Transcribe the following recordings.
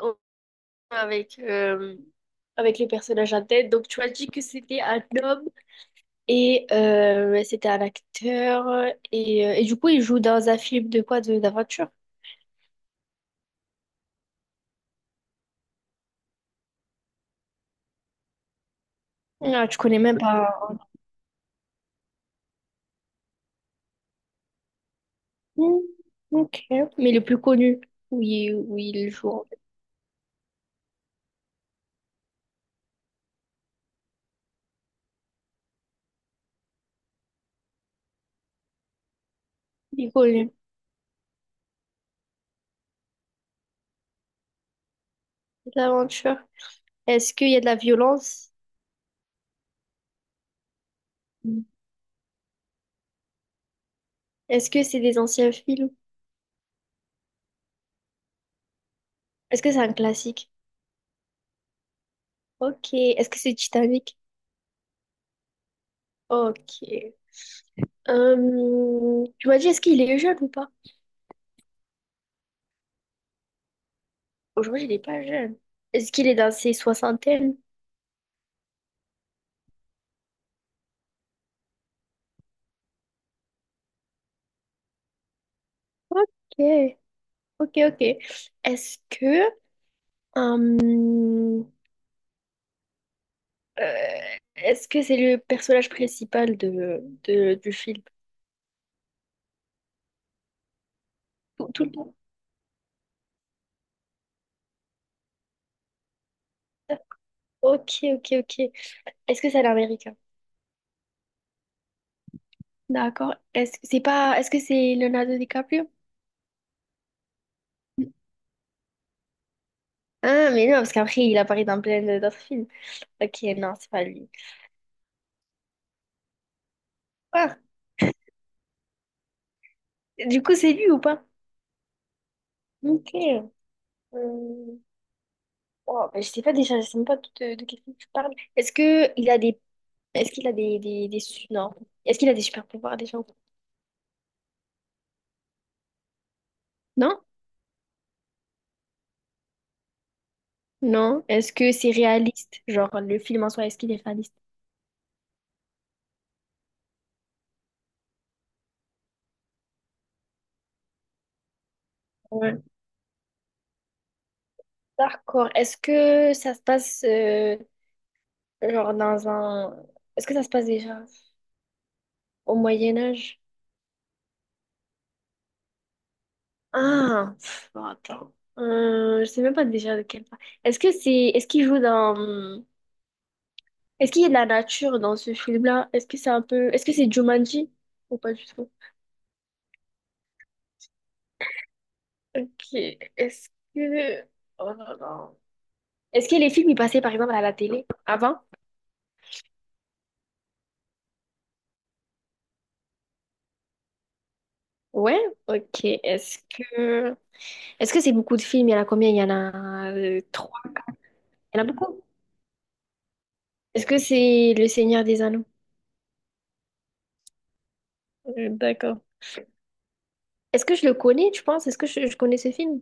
en- Avec, avec le personnage en tête. Donc, tu as dit que c'était un homme et c'était un acteur. Et du coup, il joue dans un film de quoi? D'aventure? Ah, tu connais même pas. Hmm, ok. Mais le plus connu, où il joue. En fait. Il est connu. L'aventure. Est-ce qu'il y a de la violence? Hmm. Est-ce que c'est des anciens films? Est-ce que c'est un classique? Ok. Est-ce que c'est Titanic? Ok. Tu m'as dit, est-ce qu'il est jeune ou pas? Aujourd'hui, il n'est pas jeune. Est-ce qu'il est dans ses soixantaines? Ok, ok, ok. Est-ce que, euh, euh, est-ce que c'est le personnage principal du film? Tout, tout le monde. Ok, ok, ok. Est-ce que c'est un Américain? D'accord. Est-ce que c'est pas, Est-ce que c'est Leonardo DiCaprio? Ah, mais non, parce qu'après, il apparaît dans plein d'autres films. Ok, non, c'est pas lui. Ah, du coup, c'est lui ou pas? Ok. Euh, oh, bah, je sais pas déjà, je sais même pas de quel film tu parles. Est-ce qu'il a non. Est-ce qu'il a des super pouvoirs déjà? Non? Non. Est-ce que c'est réaliste? Genre le film en soi, est-ce qu'il est réaliste? Ouais. D'accord. Est-ce que ça se passe genre dans un est-ce que ça se passe déjà au Moyen Âge? Ah, pff, bon, attends. Je sais même pas déjà de quel part. Est-ce que c'est est-ce qu'il joue dans Est-ce qu'il y a de la nature dans ce film-là? Est-ce que c'est un peu... Est-ce que c'est Jumanji? Ou pas du tout? Ok. Est-ce que... Oh là là. Est-ce que les films, ils passaient par exemple à la télé avant? Ouais? Ok. Est-ce que c'est beaucoup de films? Il y en a combien? Il y en a trois. Il y en a beaucoup. Est-ce que c'est Le Seigneur des Anneaux? D'accord. Est-ce que je le connais, tu penses? Est-ce que je connais ce film?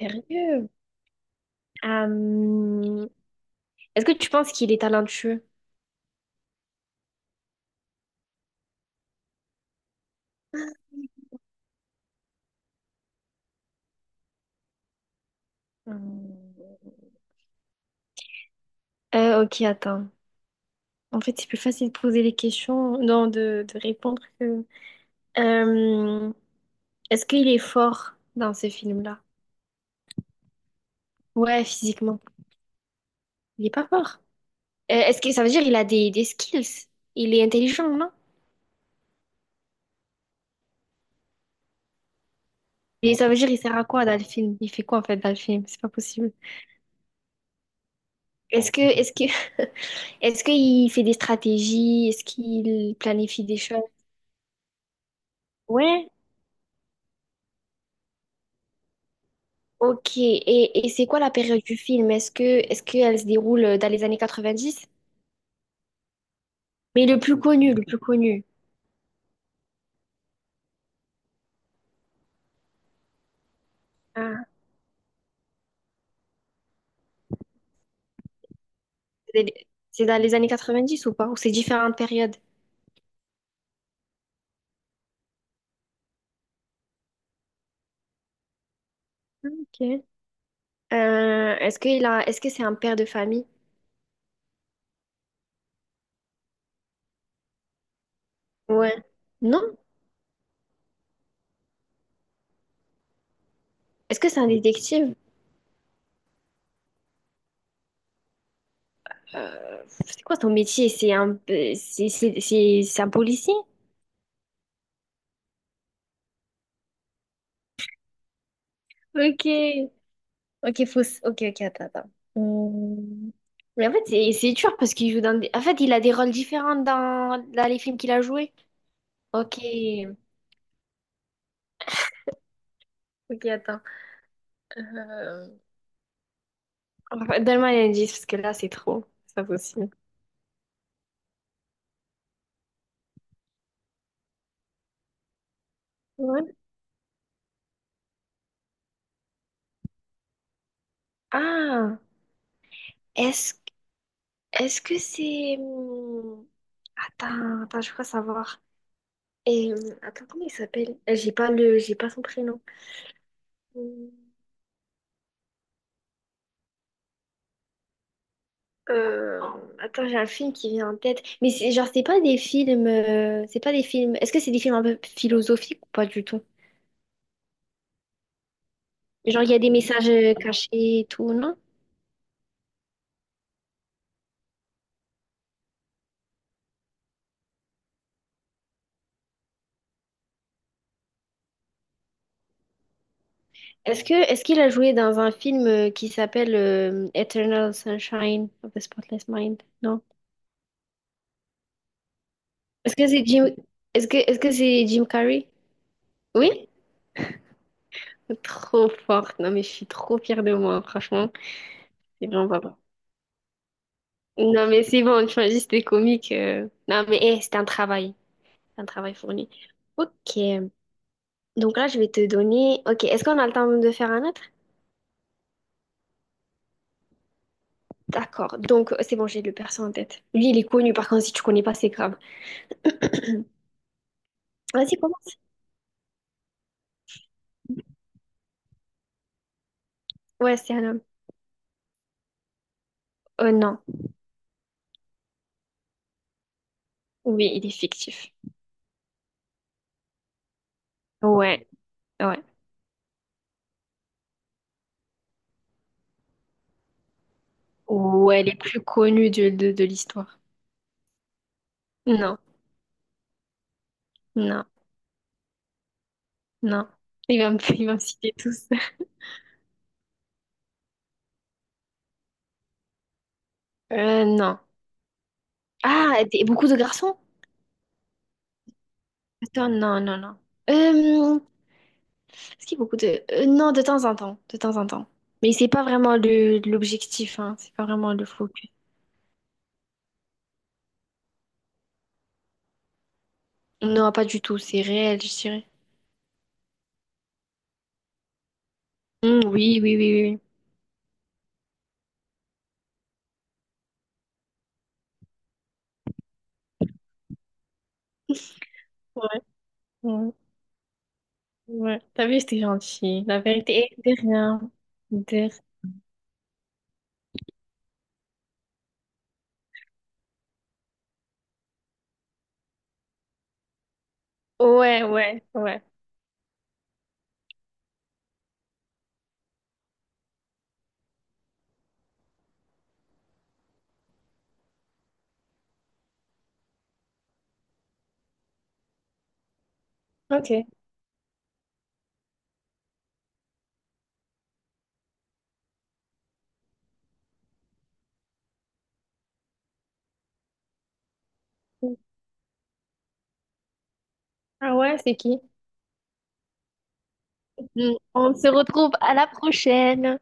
Sérieux? Euh, Est-ce que tu penses qu'il est talentueux? Hmm. Ok, attends. En fait, c'est plus facile de poser les questions, non, de répondre que... Euh, est-ce qu'il est fort dans ce film-là? Ouais, physiquement. Il est pas fort. Est-ce que ça veut dire qu'il a des skills? Il est intelligent, non? Et ça veut dire il sert à quoi dans le film? Il fait quoi en fait dans le film? C'est pas possible. Est-ce que est-ce qu'il fait des stratégies? Est-ce qu'il planifie des choses? Ouais. Ok. Et c'est quoi la période du film? Est-ce qu'elle se déroule dans les années 90? Mais le plus connu, le plus connu. Ah, c'est dans les années 90 ou pas? Ou c'est différentes périodes? Ok. Est-ce que c'est un père de famille? Ouais. Non? Est-ce que c'est un détective? C'est quoi ton métier? C'est un, c'est- C'est un policier? Ok. Ok, ok, attends, attends. Hmm. Mais en fait, c'est dur parce qu'il joue dans des... En fait, il a des rôles différents dans les films qu'il a joués. Ok. Ok, attends. Euh, Enfin, donne-moi un indice parce que là, c'est trop. C'est pas possible. Ouais. Ah, est-ce est-ce que c'est attends, attends, je crois savoir. Et attends, comment il s'appelle? J'ai pas son prénom. Hum, euh, attends, j'ai un film qui vient en tête, mais c'est genre c'est pas des films. Est-ce que c'est des films un peu philosophiques ou pas du tout? Genre il y a des messages cachés et tout, non? Est-ce qu'il a joué dans un film qui s'appelle Eternal Sunshine of the Spotless Mind? Non? Est-ce que c'est Jim... Est-ce que c'est Jim Carrey? Oui? Trop forte. Non, mais je suis trop fière de moi, franchement. C'est vraiment pas mal. Non, mais c'est bon, tu m'as dit c'était comique. Euh. Non, mais eh, c'était un travail. C'est un travail fourni. Ok. Donc là, je vais te donner... Ok, est-ce qu'on a le temps de faire un autre? D'accord. Donc, c'est bon, j'ai le perso en tête. Lui, il est connu. Par contre, si tu connais pas, c'est grave. Vas-y, commence. Ouais, c'est un homme. Oh non. Oui, il est fictif. Ouais, ouais. Ouais, les plus connus de l'histoire. Non, non. Non. Il va me, il va me citer tous. Non. Ah, des- beaucoup de garçons? Attends, non, non, non. Euh, est-ce qu'il y a beaucoup de... non, de temps en temps. De temps en temps. Mais c'est pas vraiment l'objectif, hein. C'est pas vraiment le focus. Non, pas du tout. C'est réel, je dirais. Hmm, oui, oui, oui, oui. Oui. Ouais, ouais, ouais. T'as vu, c'était gentil. La vérité est de rien. De... Ouais, ouais, ouais. Ok. Ah ouais, c'est qui? Hmm. On se retrouve à la prochaine.